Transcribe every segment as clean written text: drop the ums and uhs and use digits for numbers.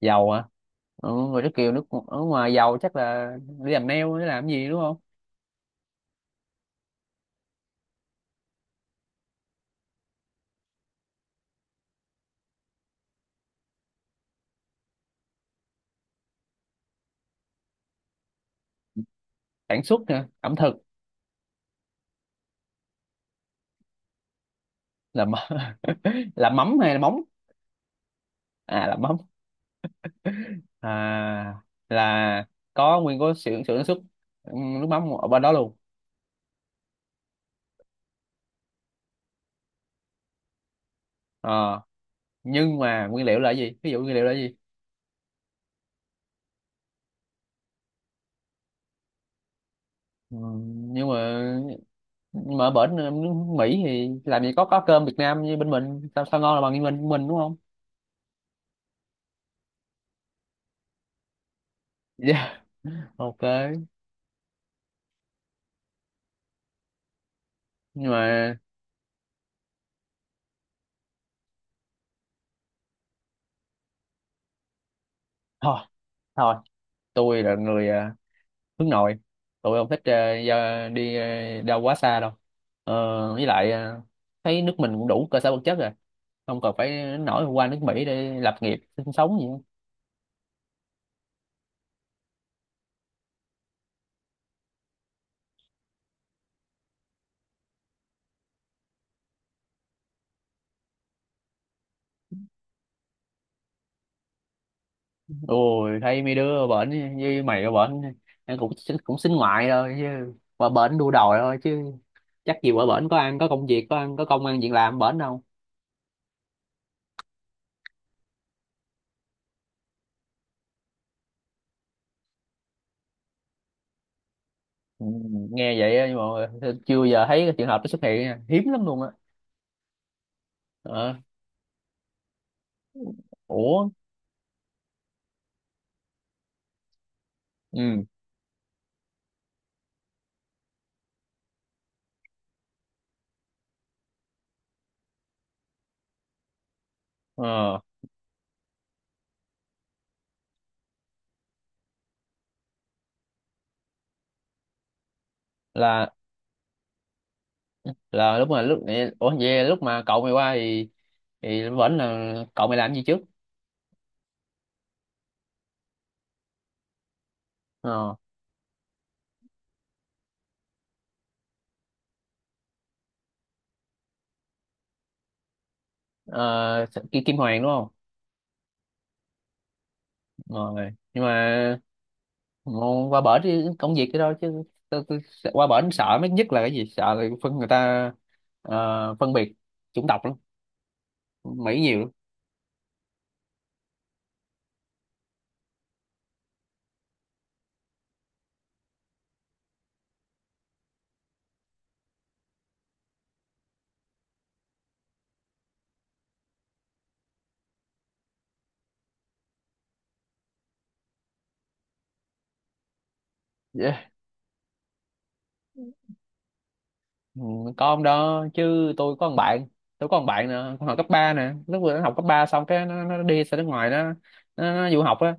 Dầu hả? Người nước kiều nước ở ngoài giàu chắc là đi làm nail để làm gì đúng không? Sản xuất nè ẩm thực. Làm làm mắm hay là móng? À, làm mắm. À, là có nguyên có xưởng xưởng sản xuất, ừ, nước mắm ở bên đó luôn. Ờ, nhưng mà nguyên liệu là gì, ví dụ nguyên liệu là gì? ừ, nhưng mà nhưng mà ở bển, nước Mỹ thì làm gì có cơm Việt Nam như bên mình, sao sao ngon là bằng như mình đúng không? Dạ, ok. Nhưng mà thôi, thôi, tôi là người hướng nội. Tụi không thích đi đâu quá xa đâu. Với lại, thấy nước mình cũng đủ cơ sở vật chất rồi, không cần phải nổi qua nước Mỹ để lập nghiệp sinh sống gì hết. Ôi, thấy mấy đứa bệnh như mày ở bệnh em cũng cũng xin ngoại thôi chứ, qua bệnh đua đòi thôi chứ, chắc gì qua bệnh có ăn có công việc có ăn có công ăn việc làm bệnh đâu. Ừ, nghe vậy á, nhưng mà chưa giờ thấy cái trường hợp nó xuất hiện nha. Hiếm lắm luôn á. Ờ. Ủa, ừ, ờ, là là lúc mà lúc, ủa vậy lúc mà cậu mày qua thì vẫn là cậu mày làm gì trước? Ờ, ờ, Kim Hoàng đúng không? Rồi nhưng mà ngon qua bển đi công việc cái đó chứ. Qua bển sợ mấy nhất là cái gì, sợ là phân người ta, phân biệt chủng tộc lắm, Mỹ nhiều lắm. Dạ. Ừ, có ông đó chứ. Tôi có một bạn nè, con học cấp 3 nè, lúc vừa nó học cấp 3 xong cái nó đi ra nước ngoài nó, nó du học á,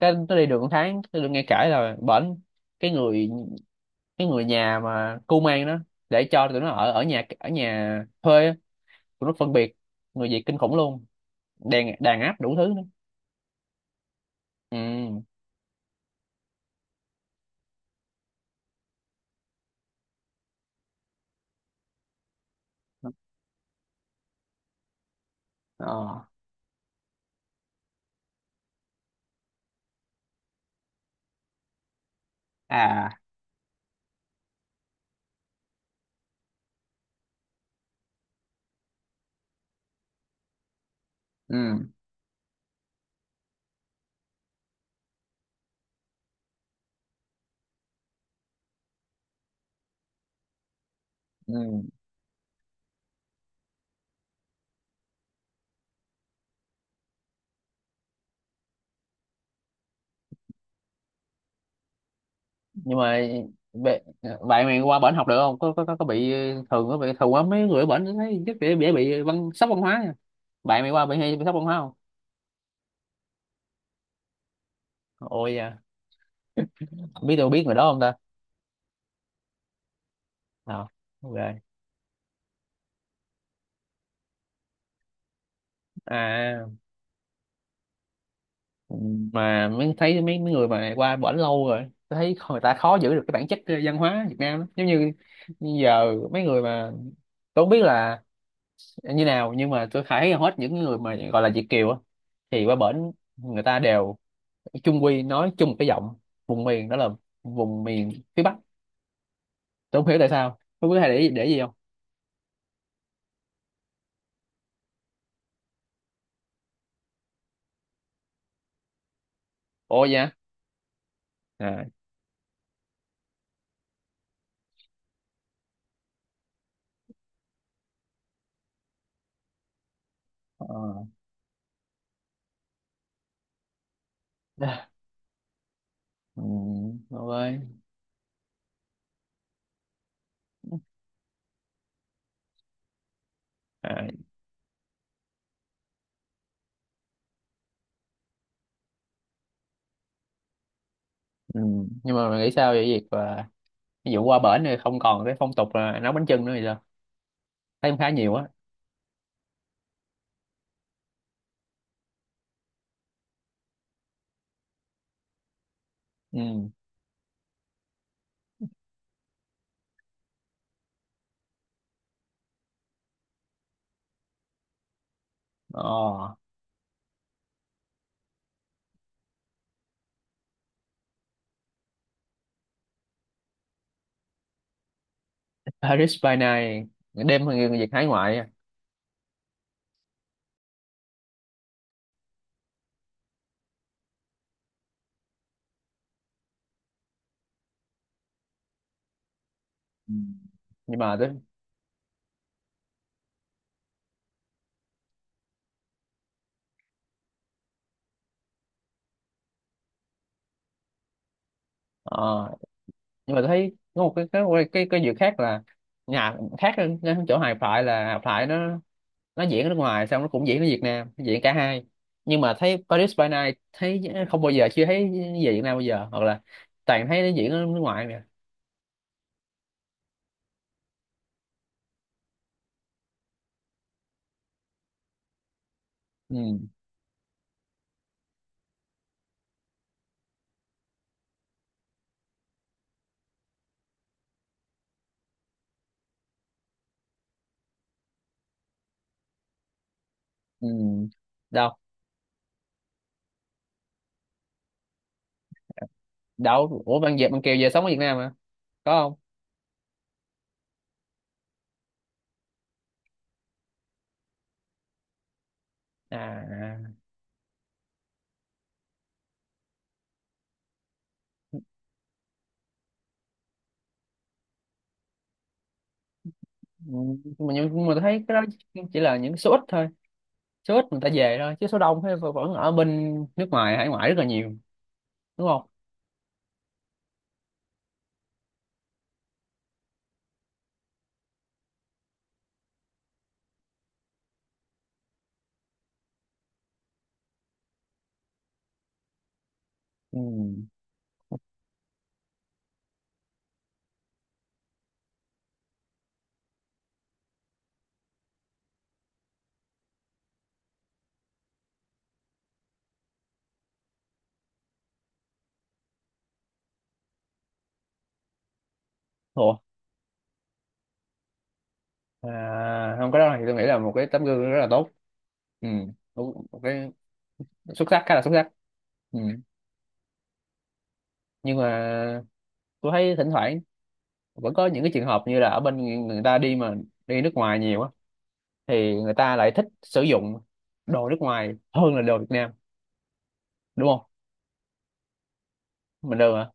cái nó đi được một tháng tôi được nghe kể là bển, cái người cái người nhà mà cu mang đó để cho tụi nó ở ở nhà thuê á, tụi nó phân biệt người Việt kinh khủng luôn, đàn đàn áp đủ thứ nữa. Ừ. Ờ. À. Ừ. Ừ. Nhưng mà bệ- bạn mày qua bển học được không, có có bị thường, có bị thường quá mấy người ở bển thấy chắc dễ dễ bị văn sốc văn hóa nha. Bạn mày qua bị hay bị sốc văn hóa không? Ôi da, biết tôi biết người đó không ta? Ờ, ok. À, mà mới thấy mấy mấy người mà qua bển lâu rồi tôi thấy người ta khó giữ được cái bản chất, văn hóa Việt Nam lắm, giống như giờ mấy người mà tôi không biết là như nào, nhưng mà tôi thấy hầu hết những người mà gọi là Việt kiều á thì qua bển người ta đều chung quy nói chung một cái giọng vùng miền, đó là vùng miền phía Bắc. Tôi không hiểu tại sao, không biết hay để gì không. Ồ dạ. À. Ờ. Ừ, đúng rồi. À. Ừ. Nhưng mà mày nghĩ sao về việc mà ví dụ qua bển thì không còn cái phong tục là nấu bánh chưng nữa thì sao, thấy cũng khá nhiều á. Ừ. Ờ. Paris by Night, đêm người người Việt hải ngoại á. Ừ. Nhưng mà tôi, ờ, nhưng mà tôi thấy có một cái cái việc khác là nhà khác hơn cái chỗ Hà Phại, là Hà Phại nó diễn ở nước ngoài xong nó cũng diễn ở Việt Nam, diễn cả hai. Nhưng mà thấy Paris by Night thấy không bao giờ, chưa thấy về Việt Nam bao giờ, hoặc là toàn thấy nó diễn ở nước ngoài mà. Ừ. Ừ. Đâu, đâu, ủa bạn Việt bạn Kiều về sống ở Việt Nam mà, có không? À. ừ, nhưng mà nhưng mà tôi thấy cái đó chỉ là những số ít thôi, số ít người ta về thôi, chứ số đông thì vẫn vẫn ở bên nước ngoài hải ngoại rất là nhiều, đúng không? Ừ. Ủa. À, không, cái đó thì tôi nghĩ là một cái tấm gương rất là tốt. Ừ. Một một cái xuất sắc, khá là xuất sắc. Ừ. Nhưng mà tôi thấy thỉnh thoảng vẫn có những cái trường hợp như là ở bên người ta đi mà đi nước ngoài nhiều á thì người ta lại thích sử dụng đồ nước ngoài hơn là đồ Việt Nam, đúng không? Mình được hả?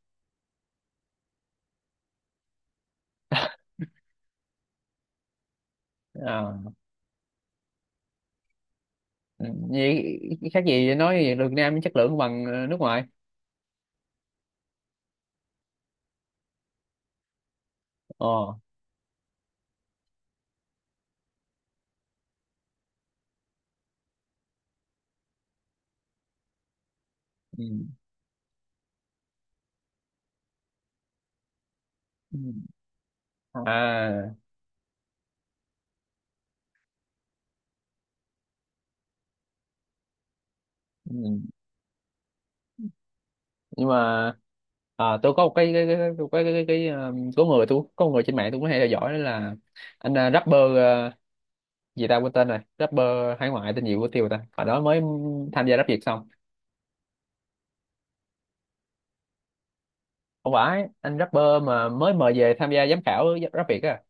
À. Ừ, vậy khác gì nói vậy, Việt Nam chất lượng bằng nước ngoài. Ờ. Ừ. Ừ. À. Ừ. Nhưng mà à, tôi có một cái cái có người, tôi có người trên mạng tôi cũng hay theo dõi, đó là anh, rapper, gì ta, quên tên rồi, rapper hải ngoại tên gì của tiêu ta, hồi đó mới tham gia Rap Việt xong, không phải, anh rapper mà mới mời về tham gia giám khảo Rap Việt á.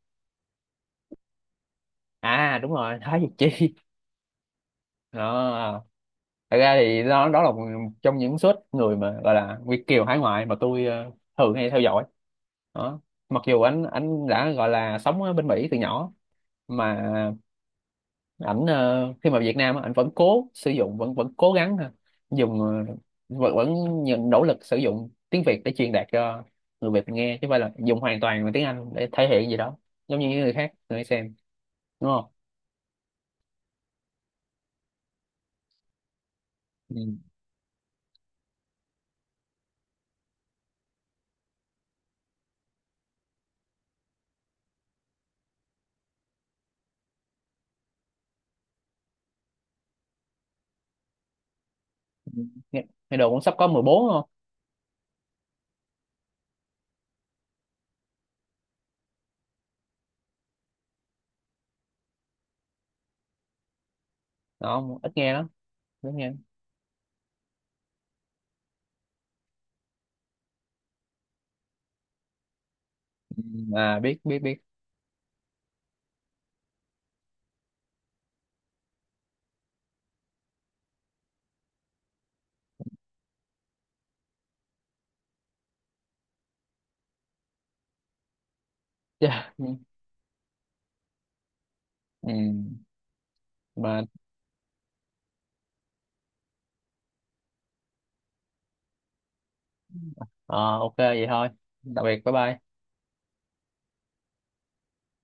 À, đúng rồi, Thái Việt Chi. Đó. À. Thật ra thì đó, đó là một trong những suất người mà gọi là Việt kiều hải ngoại mà tôi, thường hay theo dõi. Đó, mặc dù anh đã gọi là sống ở bên Mỹ từ nhỏ, mà ảnh, khi mà Việt Nam á, ảnh vẫn cố sử dụng, vẫn vẫn cố gắng ha, dùng, vẫn vẫn nhận nỗ lực sử dụng tiếng Việt để truyền đạt cho người Việt nghe, chứ không phải là dùng hoàn toàn bằng tiếng Anh để thể hiện gì đó giống như những người khác người xem, đúng không? Ừ. Nghe, nghe đồn cũng sắp có 14 đúng không? Đó, ít nghe lắm, ít nghe. Ừ, à, biết biết biết. Yeah. Ừ. Mà ờ, ok vậy thôi, tạm biệt, bye bye.